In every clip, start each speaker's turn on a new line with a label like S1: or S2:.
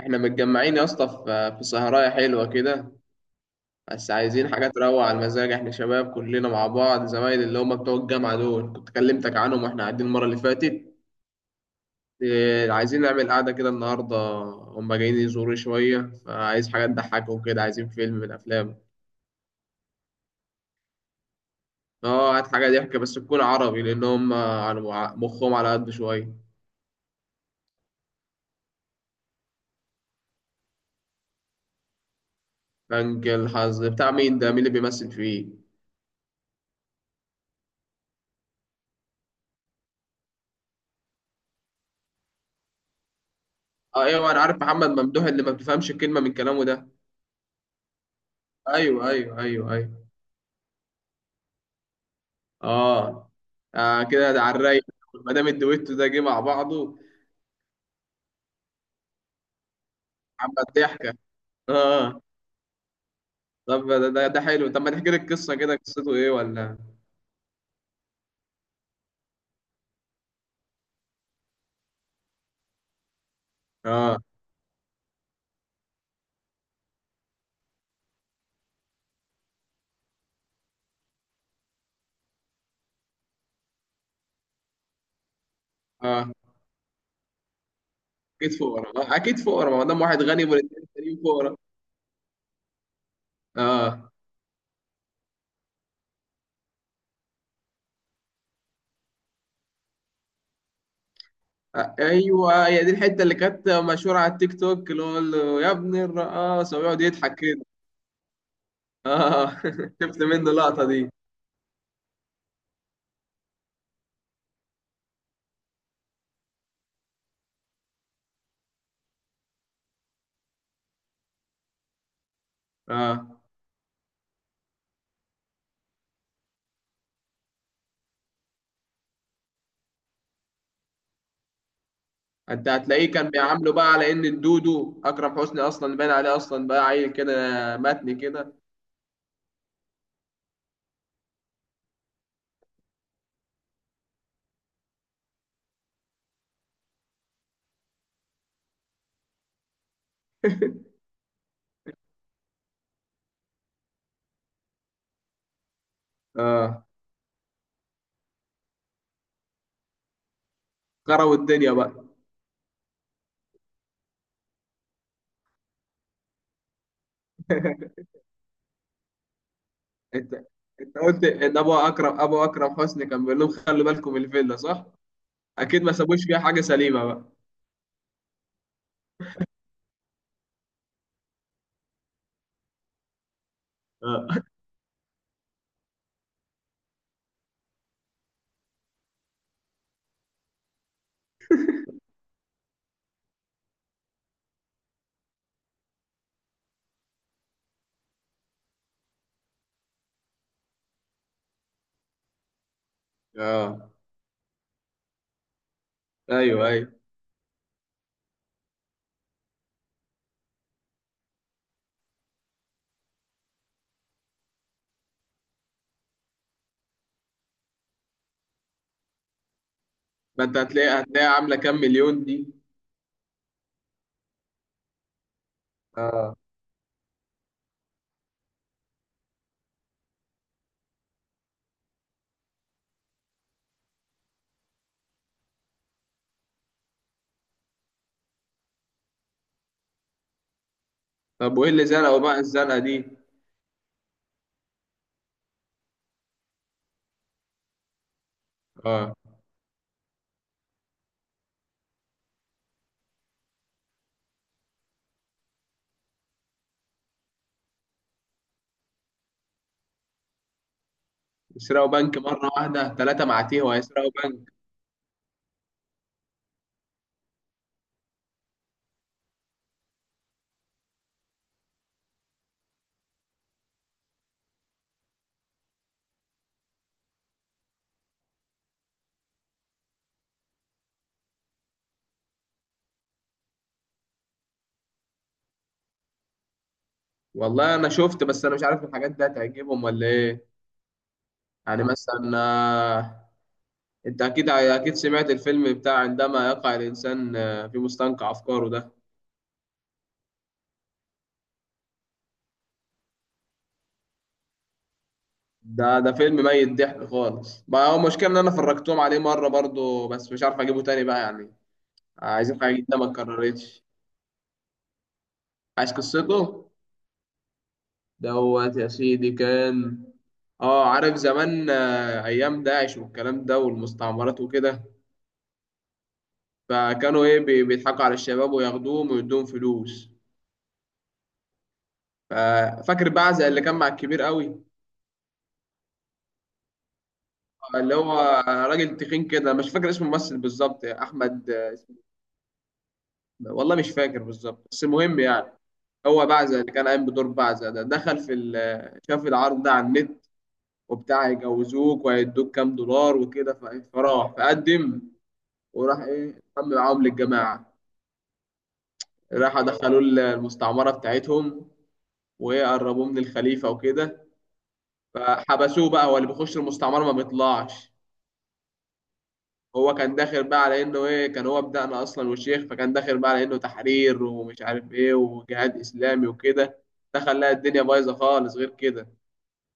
S1: احنا متجمعين يا اسطى في سهرايه حلوه كده. بس عايزين حاجات تروق على المزاج، احنا شباب كلنا مع بعض، زمايل اللي هم بتوع الجامعه دول كنت كلمتك عنهم واحنا قاعدين المره اللي فاتت. إيه، عايزين نعمل قعده كده النهارده. هم جايين يزوروا شويه، فعايز حاجه تضحكهم كده، عايزين فيلم من الافلام. اه، هات حاجه ضحك بس تكون عربي، لان هم على مخهم على قد شويه. بنك الحظ بتاع مين ده؟ مين اللي بيمثل فيه؟ اه، ايوه، انا عارف محمد ممدوح اللي ما بتفهمش كلمه من كلامه ده. ايوه، ايوه، ايوه، ايوه. اه. آه، كده ده على الرايق. ما دام الدويتو ده جه مع بعضه. عم الضحكه. اه. طب ده حلو. طب ما تحكي لي القصه، كده قصته ايه ولا؟ اه. اه، اكيد فقراء، آه اكيد فقراء، ما دام واحد غني والاثنين التانيين فقراء. آه. آه، ايوه، هي دي الحته اللي كانت مشهوره على التيك توك، اللي هو قال له يا ابن الرقاصه ويقعد يضحك كده. اه، شفت منه اللقطه دي؟ اه، انت هتلاقيه كان بيعامله بقى على ان الدودو اكرم حسني اصلا باين عليه، اصلا بقى عيل كده. متني كده. اه، كروي الدنيا بقى. انت انت قلت ان ابو اكرم حسني كان بيقول لهم خلوا بالكم من الفيلا، صح؟ اكيد ما سابوش فيها حاجه سليمه بقى. اه، اه، ايوه، ايوه. ما انت هتلاقي عامله كام مليون دي. اه، طب وايه اللي زنقوا بقى الزنقه دي؟ اه، يسرقوا بنك؟ مره واحده ثلاثه معاتيه وهيسرقوا بنك؟ والله انا شفت، بس انا مش عارف الحاجات دي هتعجبهم ولا ايه. يعني مثلا، انت اكيد اكيد سمعت الفيلم بتاع عندما يقع الانسان في مستنقع افكاره ده. ده فيلم ميت ضحك خالص بقى، هو المشكله ان انا فرجتهم عليه مره برضو، بس مش عارف اجيبه تاني بقى يعني. عايزين حاجه جديده ما اتكررتش. عايز قصته. دوت يا سيدي، كان، اه، عارف زمان ايام داعش والكلام ده والمستعمرات وكده. فكانوا ايه بيضحكوا على الشباب وياخدوهم ويدوهم فلوس. ف- فاكر بعزة اللي كان مع الكبير قوي، اللي هو راجل تخين كده، مش فاكر اسم الممثل بالظبط، احمد. والله مش فاكر بالظبط، بس المهم يعني. هو بعزة اللي كان قايم بدور بعزة ده دخل في شاف العرض ده على النت وبتاع يجوزوك وهيدوك كام دولار وكده، فراح فقدم. وراح ايه انضم معاهم للجماعة. راح دخلوه المستعمرة بتاعتهم، وقربوه من الخليفة وكده. فحبسوه بقى، هو اللي بيخش المستعمرة ما بيطلعش. هو كان داخل بقى على انه ايه، كان هو بدأنا اصلا والشيخ، فكان داخل بقى على انه تحرير ومش عارف ايه وجهاد اسلامي وكده. دخل لقى الدنيا بايظه خالص غير كده.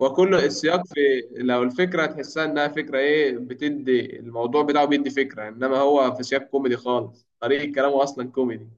S1: وكل السياق في، لو الفكره تحسها انها فكره ايه، بتدي الموضوع بتاعه بيدي فكره، انما هو في سياق كوميدي خالص، طريقه كلامه اصلا كوميدي.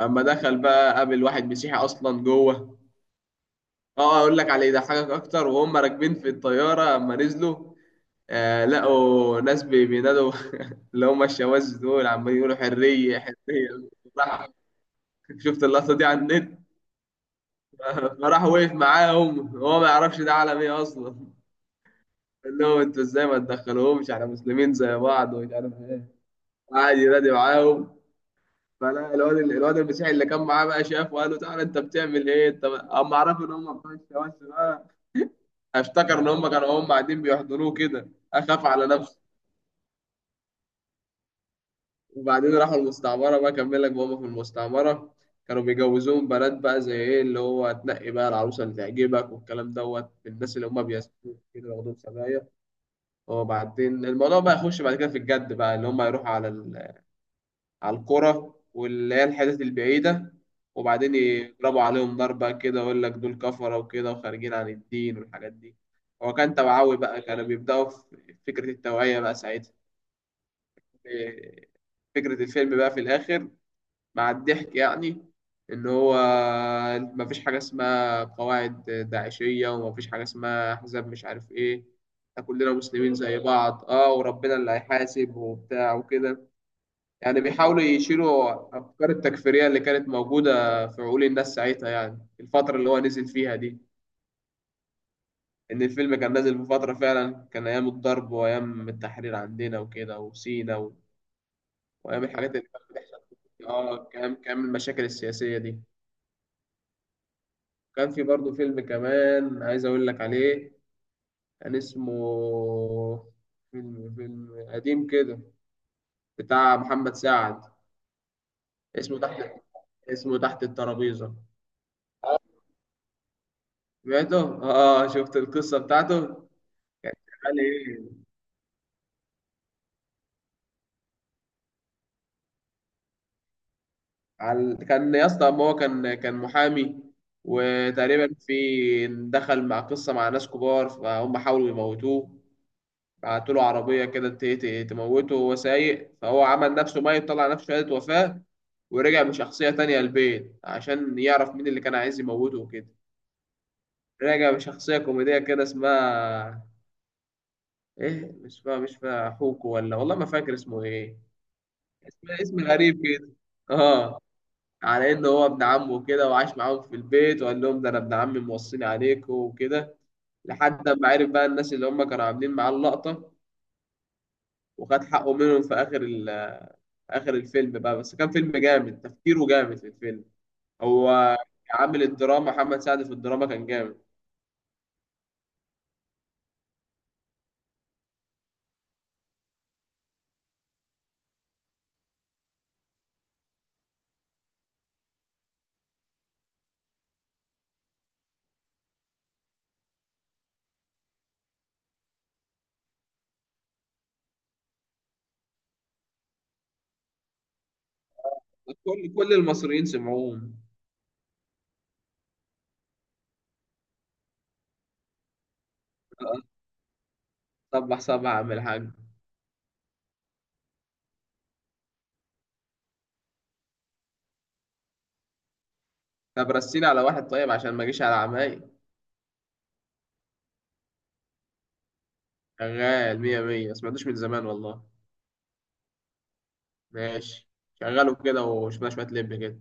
S1: اما دخل بقى قابل واحد مسيحي اصلا جوه. اه، اقول لك على اللي يضحكك اكتر، وهم راكبين في الطياره اما نزلوا، آه لقوا ناس بينادوا، اللي هم الشواذ دول عمالين يقولوا حرية حرية. راح، شفت اللقطة دي على النت؟ فراح وقف معاهم، هو ما يعرفش ده عالم ايه أصلا. قال لهم انتوا ازاي ما تدخلوهمش، احنا مسلمين زي بعض ومش عارف ايه. قعد ينادي معاهم. فلا الواد المسيحي اللي كان معاه بقى شافه، وقال له تعالى انت بتعمل ايه انت بقى؟ اما عرفوا ان هم بتوع الشواذ بقى، افتكر ان هم كانوا هم قاعدين بيحضروه كده، اخاف على نفسه. وبعدين راحوا المستعمرة بقى، كمل لك بابا في المستعمرة. كانوا بيجوزوهم بنات بقى، زي ايه اللي هو تنقي بقى العروسة اللي تعجبك والكلام، دوت الناس اللي هم بيسكنوا كده ياخدوهم سبايا. وبعدين الموضوع بقى يخش بعد كده في الجد بقى، اللي هم يروحوا على على القرى واللي هي الحتت البعيدة، وبعدين يضربوا عليهم نار بقى كده، ويقول لك دول كفرة وكده وخارجين عن الدين والحاجات دي. هو كان توعوي بقى، كانوا بيبدأوا في فكرة التوعية بقى ساعتها. إيه، فكرة الفيلم بقى في الآخر، مع الضحك يعني، ان هو مفيش حاجه اسمها قواعد داعشيه، ومفيش حاجه اسمها احزاب مش عارف ايه. إحنا كلنا مسلمين زي بعض، اه، وربنا اللي هيحاسب وبتاع وكده. يعني بيحاولوا يشيلوا افكار التكفيريه اللي كانت موجوده في عقول الناس ساعتها، يعني الفتره اللي هو نزل فيها دي، ان الفيلم كان نازل في فتره فعلا كان ايام الضرب وايام التحرير عندنا وكده وسينا وايام الحاجات اللي كانت بتحصل. اه، كام المشاكل السياسيه دي. كان في برضه فيلم كمان عايز أقول لك عليه. كان اسمه، فيلم قديم كده بتاع محمد سعد. اسمه تحت اسمه تحت الترابيزة. سمعته؟ اه، شفت القصة بتاعته؟ كان شغال ايه؟ كان يا اسطى، ما هو كان محامي، وتقريبا في دخل مع قصة مع ناس كبار فهم حاولوا يموتوه. بعتوا له عربية كده تموته وهو سايق، فهو عمل نفسه ميت، طلع نفسه شهادة وفاة، ورجع بشخصية تانية البيت عشان يعرف مين اللي كان عايز يموته وكده. رجع بشخصية كوميدية كده اسمها ايه، مش فا مش فا حوكو ولا، والله ما فاكر اسمه ايه، اسم غريب كده. اه. على انه هو ابن عمه كده، وعاش معاهم في البيت، وقال لهم ده انا ابن عمي موصيني عليكم وكده. لحد ما عرف بقى الناس اللي هم كانوا عاملين معاه اللقطة، وخد حقه منهم في آخر ال اخر الفيلم بقى. بس كان فيلم جامد، تفكيره جامد في الفيلم. هو عامل الدراما، محمد سعد في الدراما كان جامد. كل المصريين سمعوهم. صبح صبح يا عم الحاج. طب رسينا على واحد طيب عشان ما اجيش على عماي. شغال مية مية، ما سمعتوش من زمان والله. ماشي. شغله كده وشوية شوية لب كده.